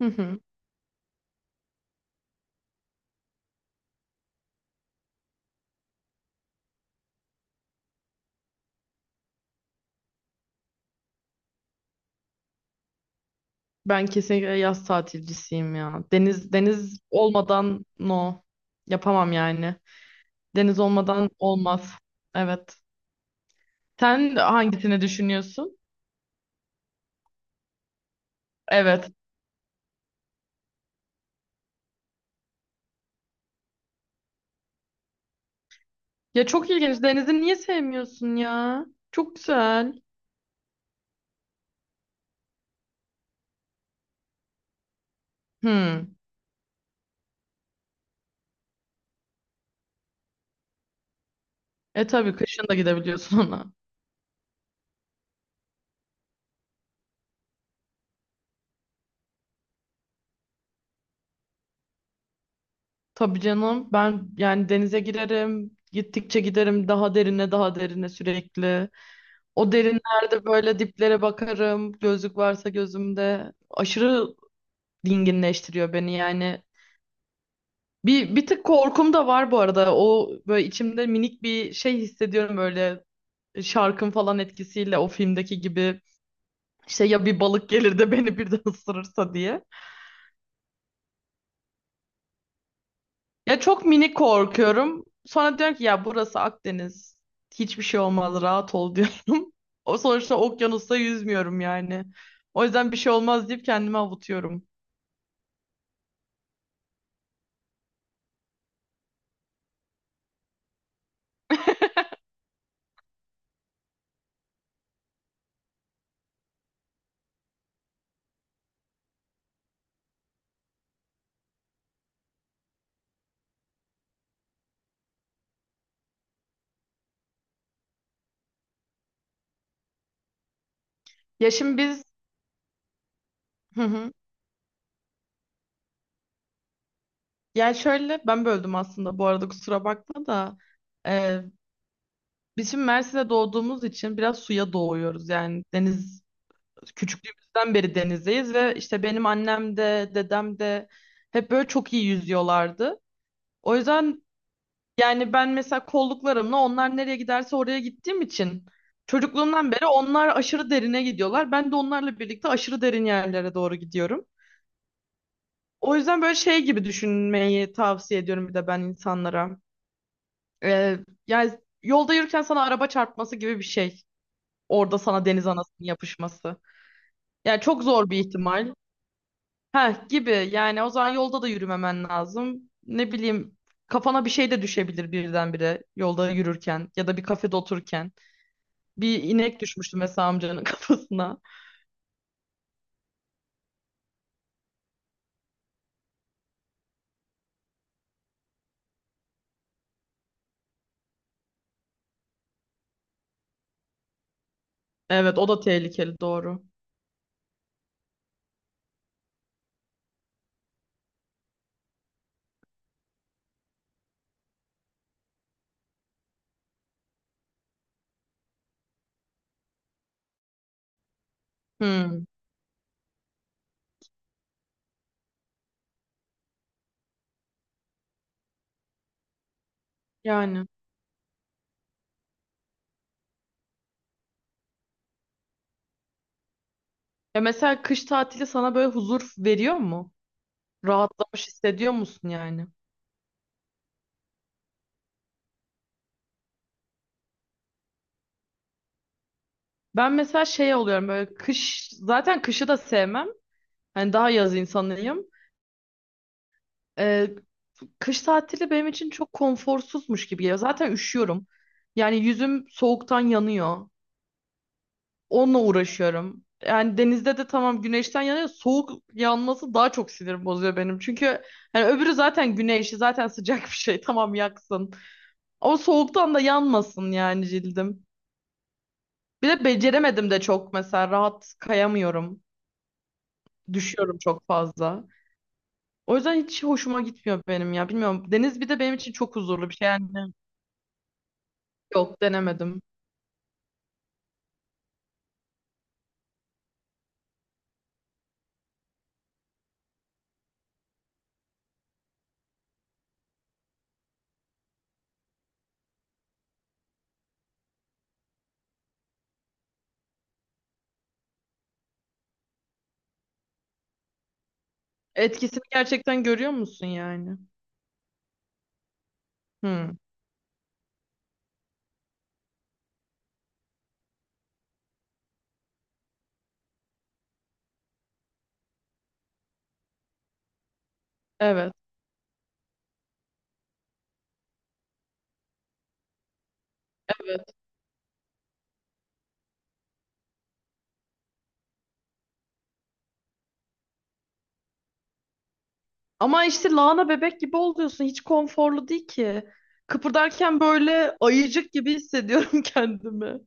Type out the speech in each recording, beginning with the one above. Hı hı. Ben kesinlikle yaz tatilcisiyim ya. Deniz deniz olmadan no. Yapamam yani. Deniz olmadan olmaz. Evet. Sen hangisini düşünüyorsun? Evet. Ya çok ilginç. Denizi niye sevmiyorsun ya? Çok güzel. hmm E tabii kışın da gidebiliyorsun ona. Tabii canım. Ben yani denize girerim. Gittikçe giderim daha derine daha derine sürekli. O derinlerde böyle diplere bakarım. Gözlük varsa gözümde. Aşırı dinginleştiriyor beni yani. Bir tık korkum da var bu arada. O böyle içimde minik bir şey hissediyorum böyle şarkın falan etkisiyle o filmdeki gibi işte ya bir balık gelir de beni birden ısırırsa diye. Ya çok minik korkuyorum. Sonra diyorum ki ya burası Akdeniz. Hiçbir şey olmaz rahat ol diyorum. O sonuçta okyanusta yüzmüyorum yani. O yüzden bir şey olmaz deyip kendimi avutuyorum. Ya şimdi biz hı hı. Ya şöyle ben böldüm aslında bu arada kusura bakma da. Ee, Biz şimdi Mersin'de doğduğumuz için biraz suya doğuyoruz. Yani deniz küçüklüğümüzden beri denizdeyiz ve işte benim annem de dedem de hep böyle çok iyi yüzüyorlardı. O yüzden yani ben mesela kolluklarımla onlar nereye giderse oraya gittiğim için çocukluğumdan beri onlar aşırı derine gidiyorlar. Ben de onlarla birlikte aşırı derin yerlere doğru gidiyorum. O yüzden böyle şey gibi düşünmeyi tavsiye ediyorum bir de ben insanlara. Ee, yani yolda yürürken sana araba çarpması gibi bir şey. Orada sana deniz anasının yapışması. Yani çok zor bir ihtimal. Heh gibi yani o zaman yolda da yürümemen lazım. Ne bileyim kafana bir şey de düşebilir birdenbire yolda yürürken ya da bir kafede otururken. Bir inek düşmüştü mesela amcanın kafasına. Evet o da tehlikeli doğru. Hmm, yani. Ya mesela kış tatili sana böyle huzur veriyor mu? Rahatlamış hissediyor musun yani? Ben mesela şey oluyorum böyle kış zaten kışı da sevmem. Hani daha yaz insanıyım. Ee, kış tatili benim için çok konforsuzmuş gibi geliyor. Zaten üşüyorum. Yani yüzüm soğuktan yanıyor. Onunla uğraşıyorum. Yani denizde de tamam güneşten yanıyor. Soğuk yanması daha çok sinir bozuyor benim. Çünkü hani öbürü zaten güneşi zaten sıcak bir şey. Tamam yaksın. Ama soğuktan da yanmasın yani cildim. Bir de beceremedim de çok mesela rahat kayamıyorum. Düşüyorum çok fazla. O yüzden hiç hoşuma gitmiyor benim ya. Bilmiyorum. Deniz bir de benim için çok huzurlu bir şey yani. Yok denemedim. Etkisini gerçekten görüyor musun yani? Hı. Evet, evet. Ama işte lahana bebek gibi oluyorsun. Hiç konforlu değil ki. Kıpırdarken böyle ayıcık gibi hissediyorum kendimi.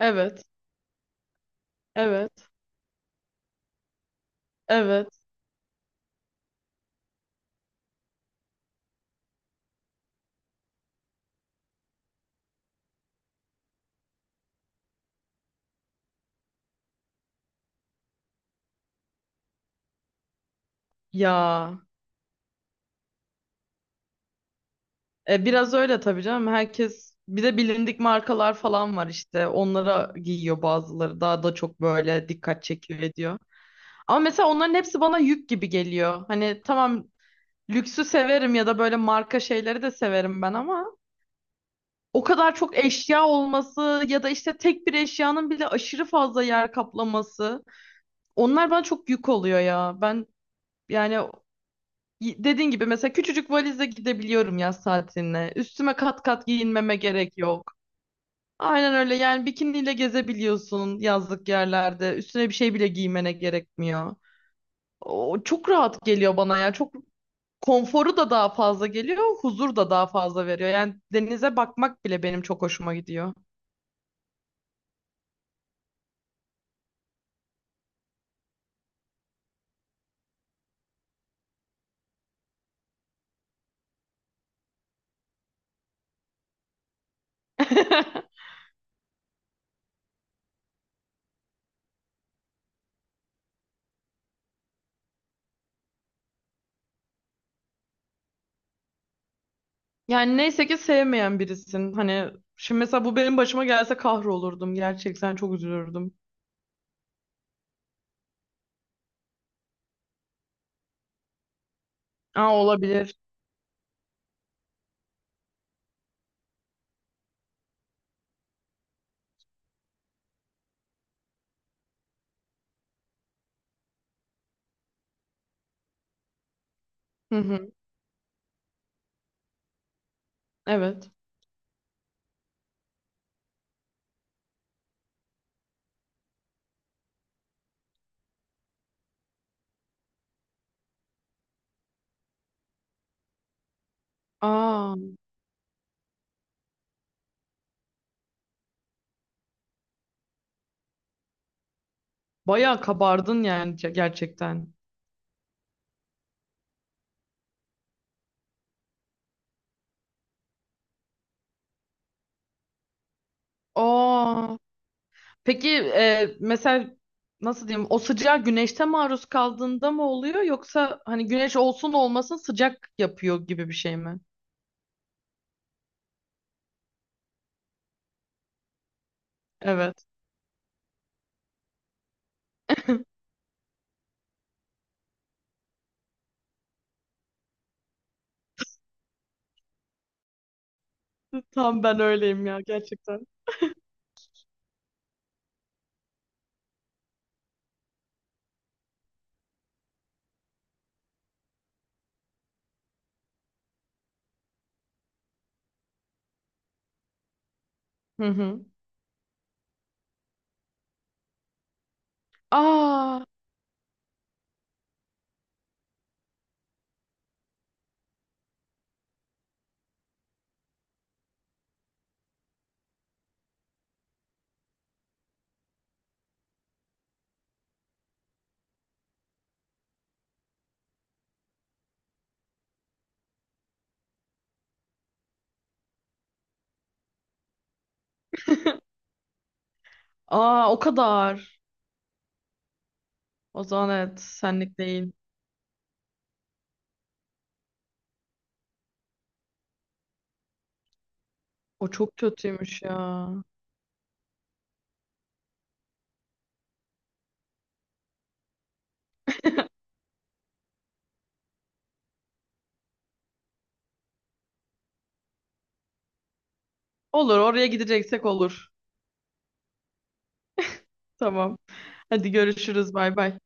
Evet, evet, evet. Ya, biraz öyle tabii canım. Herkes bir de bilindik markalar falan var işte. Onlara giyiyor bazıları. Daha da çok böyle dikkat çekiyor ediyor. Ama mesela onların hepsi bana yük gibi geliyor. Hani tamam, lüksü severim ya da böyle marka şeyleri de severim ben ama o kadar çok eşya olması ya da işte tek bir eşyanın bile aşırı fazla yer kaplaması onlar bana çok yük oluyor ya. Ben yani dediğin gibi mesela küçücük valizle gidebiliyorum yaz tatiline. Üstüme kat kat giyinmeme gerek yok. Aynen öyle yani bikiniyle gezebiliyorsun yazlık yerlerde. Üstüne bir şey bile giymene gerekmiyor. O çok rahat geliyor bana ya. Çok konforu da daha fazla geliyor, huzur da daha fazla veriyor. Yani denize bakmak bile benim çok hoşuma gidiyor. Yani neyse ki sevmeyen birisin. Hani şimdi mesela bu benim başıma gelse kahrolurdum. Gerçekten çok üzülürdüm. Aa olabilir. Hı hı. Evet. Aa bayağı kabardın yani gerçekten. Aa peki mesela nasıl diyeyim o sıcağa güneşte maruz kaldığında mı oluyor yoksa hani güneş olsun olmasın sıcak yapıyor gibi bir şey mi? Evet. Tam ben öyleyim ya gerçekten. Hı hı. Aa, aa o kadar. O zaman evet senlik değil. O çok kötüymüş ya. Olur oraya gideceksek olur. Tamam. Hadi görüşürüz bay bay.